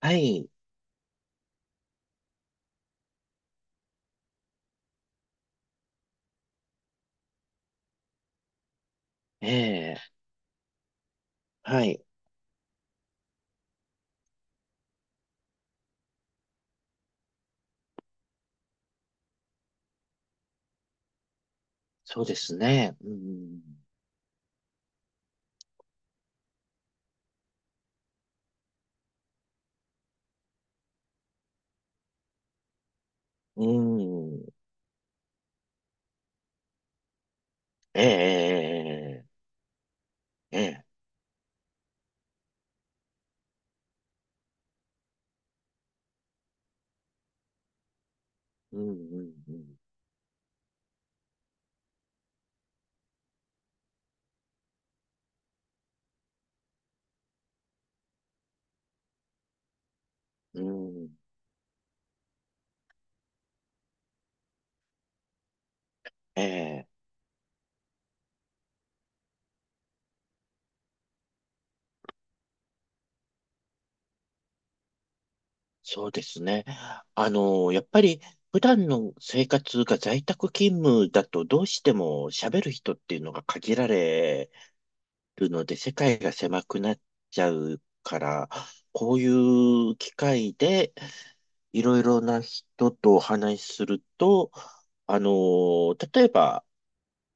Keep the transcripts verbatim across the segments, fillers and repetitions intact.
はい。ええ、はい。そうですね。うん。うん。ええ、ええ、ええ。うん、うん、うん。うん。ええ、そうですね。あの、やっぱり、普段の生活が在宅勤務だと、どうしても喋る人っていうのが限られるので、世界が狭くなっちゃうから、こういう機会で、いろいろな人とお話しすると、あのー例えば、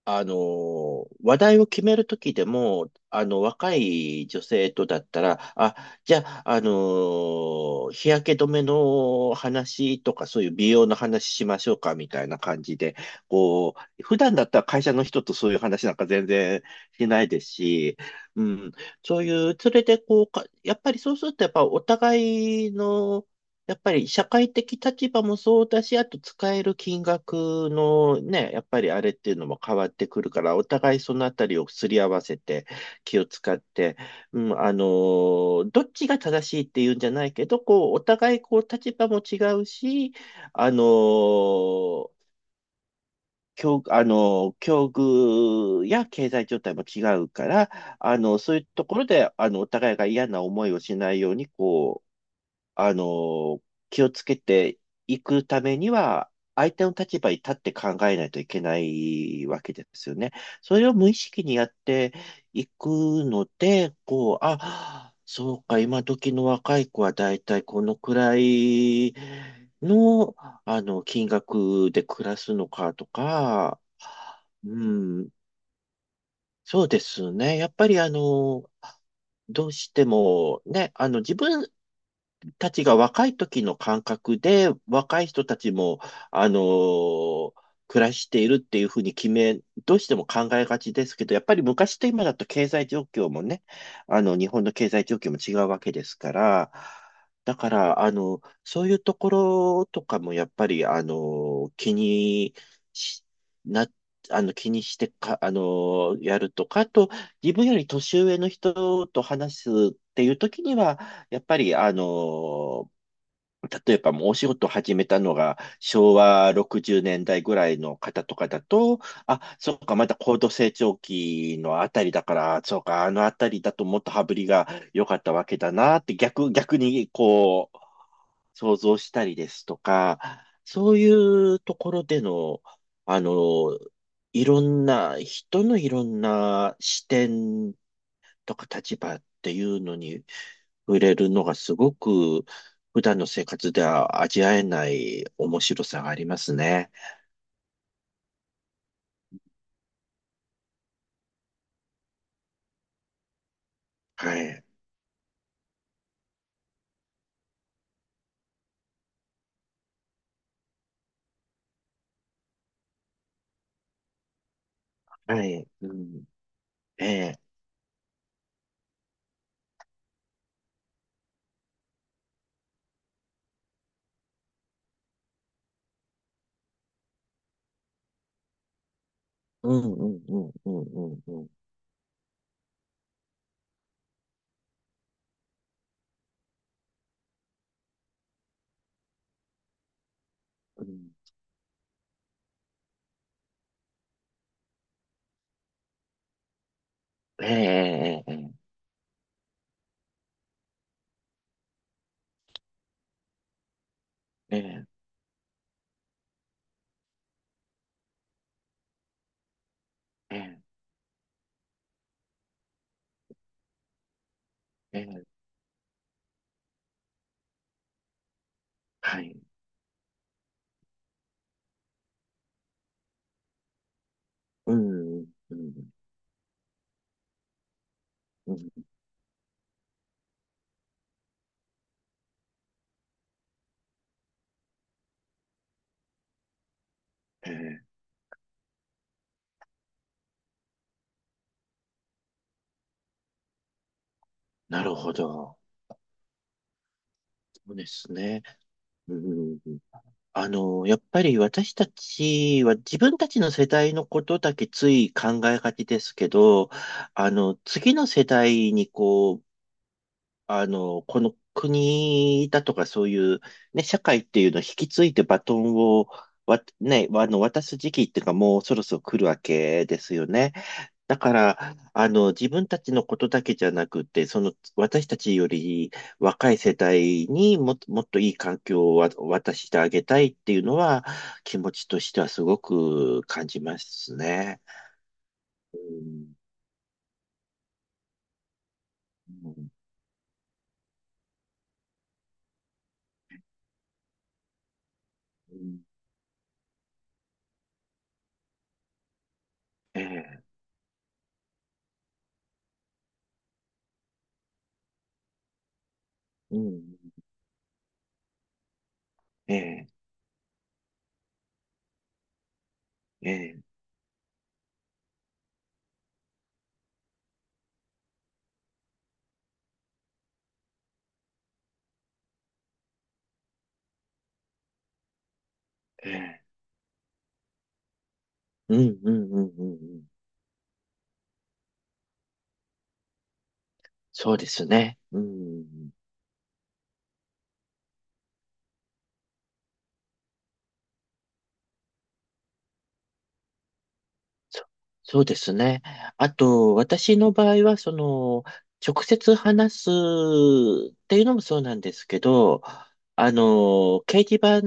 あのー話題を決めるときでも、あの、若い女性とだったら、あ、じゃあ、あのー日焼け止めの話とか、そういう美容の話しましょうか、みたいな感じで、こう、普段だったら会社の人とそういう話なんか全然しないですし、うん、そういう、それでこうか、やっぱりそうすると、やっぱお互いの、やっぱり社会的立場もそうだし、あと使える金額のね、やっぱりあれっていうのも変わってくるから、お互いそのあたりをすり合わせて気を使って、うん、あのーどっちが正しいっていうんじゃないけど、こう、お互いこう立場も違うし、あのー境、あの、境遇や経済状態も違うから、あの、そういうところで、あの、お互いが嫌な思いをしないように、こあの、気をつけていくためには、相手の立場に立って考えないといけないわけですよね。それを無意識にやっていくので、こう、あ、そうか、今時の若い子はだいたいこのくらいの、あの、金額で暮らすのかとか、うん、そうですね。やっぱりあの、どうしてもね、あの、自分たちが若い時の感覚で、若い人たちも、あのー暮らしているっていうふうに決め、どうしても考えがちですけど、やっぱり昔と今だと経済状況もね、あの、日本の経済状況も違うわけですから、だから、あの、そういうところとかもやっぱり、あの、気にし、な、あの、気にしてか、あの、やるとか、あと、自分より年上の人と話すっていう時には、やっぱり、あの、例えばもうお仕事を始めたのが昭和ろくじゅうねんだいぐらいの方とかだと、あ、そうか、まだ高度成長期のあたりだから、そうか、あのあたりだともっと羽振りが良かったわけだなって逆、逆にこう、想像したりですとか、そういうところでの、あの、いろんな、人のいろんな視点とか立場っていうのに、触れるのがすごく普段の生活では味わえない面白さがありますね。はい。はい。うん。ええ。うんうんうんうんうんうん。うんえええええええええええはい。うんうんうんうん。ええ。なるほど。そうですね。うんうんうん。あの、やっぱり私たちは自分たちの世代のことだけつい考えがちですけど、あの、次の世代にこう、あの、この国だとかそういう、ね、社会っていうのを引き継いでバトンを、わ、ね、あの、渡す時期っていうかもうそろそろ来るわけですよね。だから、あの、自分たちのことだけじゃなくて、その、私たちより若い世代にもっと、もっといい環境をわ渡してあげたいっていうのは、気持ちとしてはすごく感じますね。うん、うん、うんええ、うん、ええ、ええ、ええうん、うん、うん、うん。うんそうですね。うん。そそうですね。あと、私の場合は、その、直接話すっていうのもそうなんですけど、あの、掲示板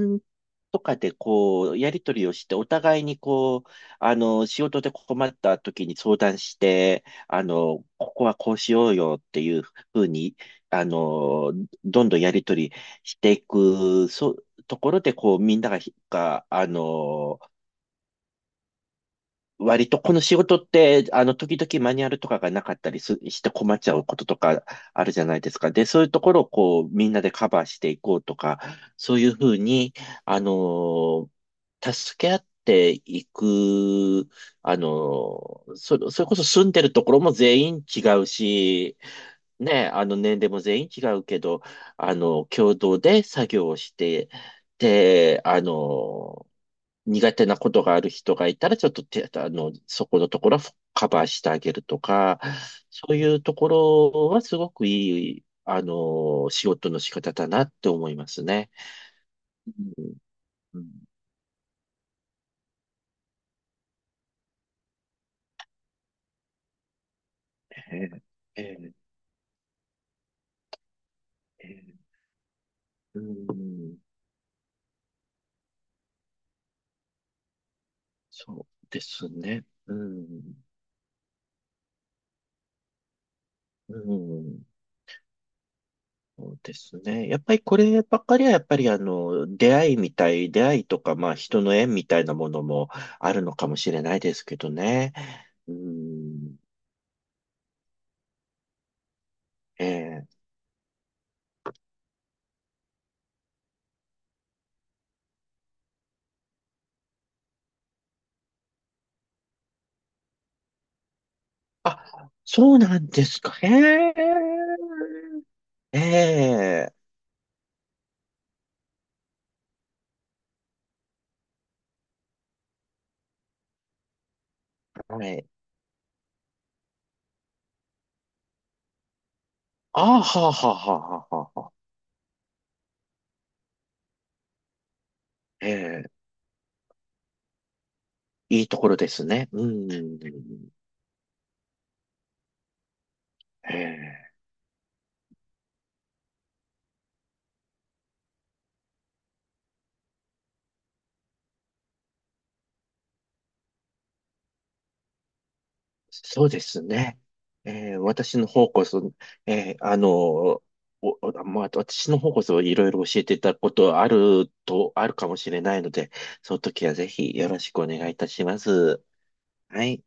とかでこう、やり取りをして、お互いにこう、あの、仕事で困った時に相談して、あの、ここはこうしようよっていうふうに、あの、どんどんやり取りしていく、そう、ところで、こう、みんながひ、が、あの、割とこの仕事って、あの、時々マニュアルとかがなかったりすして困っちゃうこととかあるじゃないですか。で、そういうところをこう、みんなでカバーしていこうとか、そういうふうに、あのー助け合っていく、あのーそ、それこそ住んでるところも全員違うし、ね、あの、年齢も全員違うけど、あの、共同で作業をして、で、あのー苦手なことがある人がいたら、ちょっと手、あの、そこのところはカバーしてあげるとか、そういうところはすごくいい、あの、仕事の仕方だなって思いますね。うんうん、ええええええうん、そうですね。うん、うん、そうですね。やっぱりこればっかりは、やっぱりあの、出会いみたい、出会いとか、まあ人の縁みたいなものもあるのかもしれないですけどね。うんええあ、そうなんですか。へえ。ええ。はい。あーはあ、はあ、はあ、はあ、はあ。ええ。いいところですね。うん。ええ。そうですね。ええ、私の方こそ、ええ、あの、お、おまあ、私の方こそいろいろ教えていただくことあると、あるかもしれないので、その時はぜひよろしくお願いいたします。はい。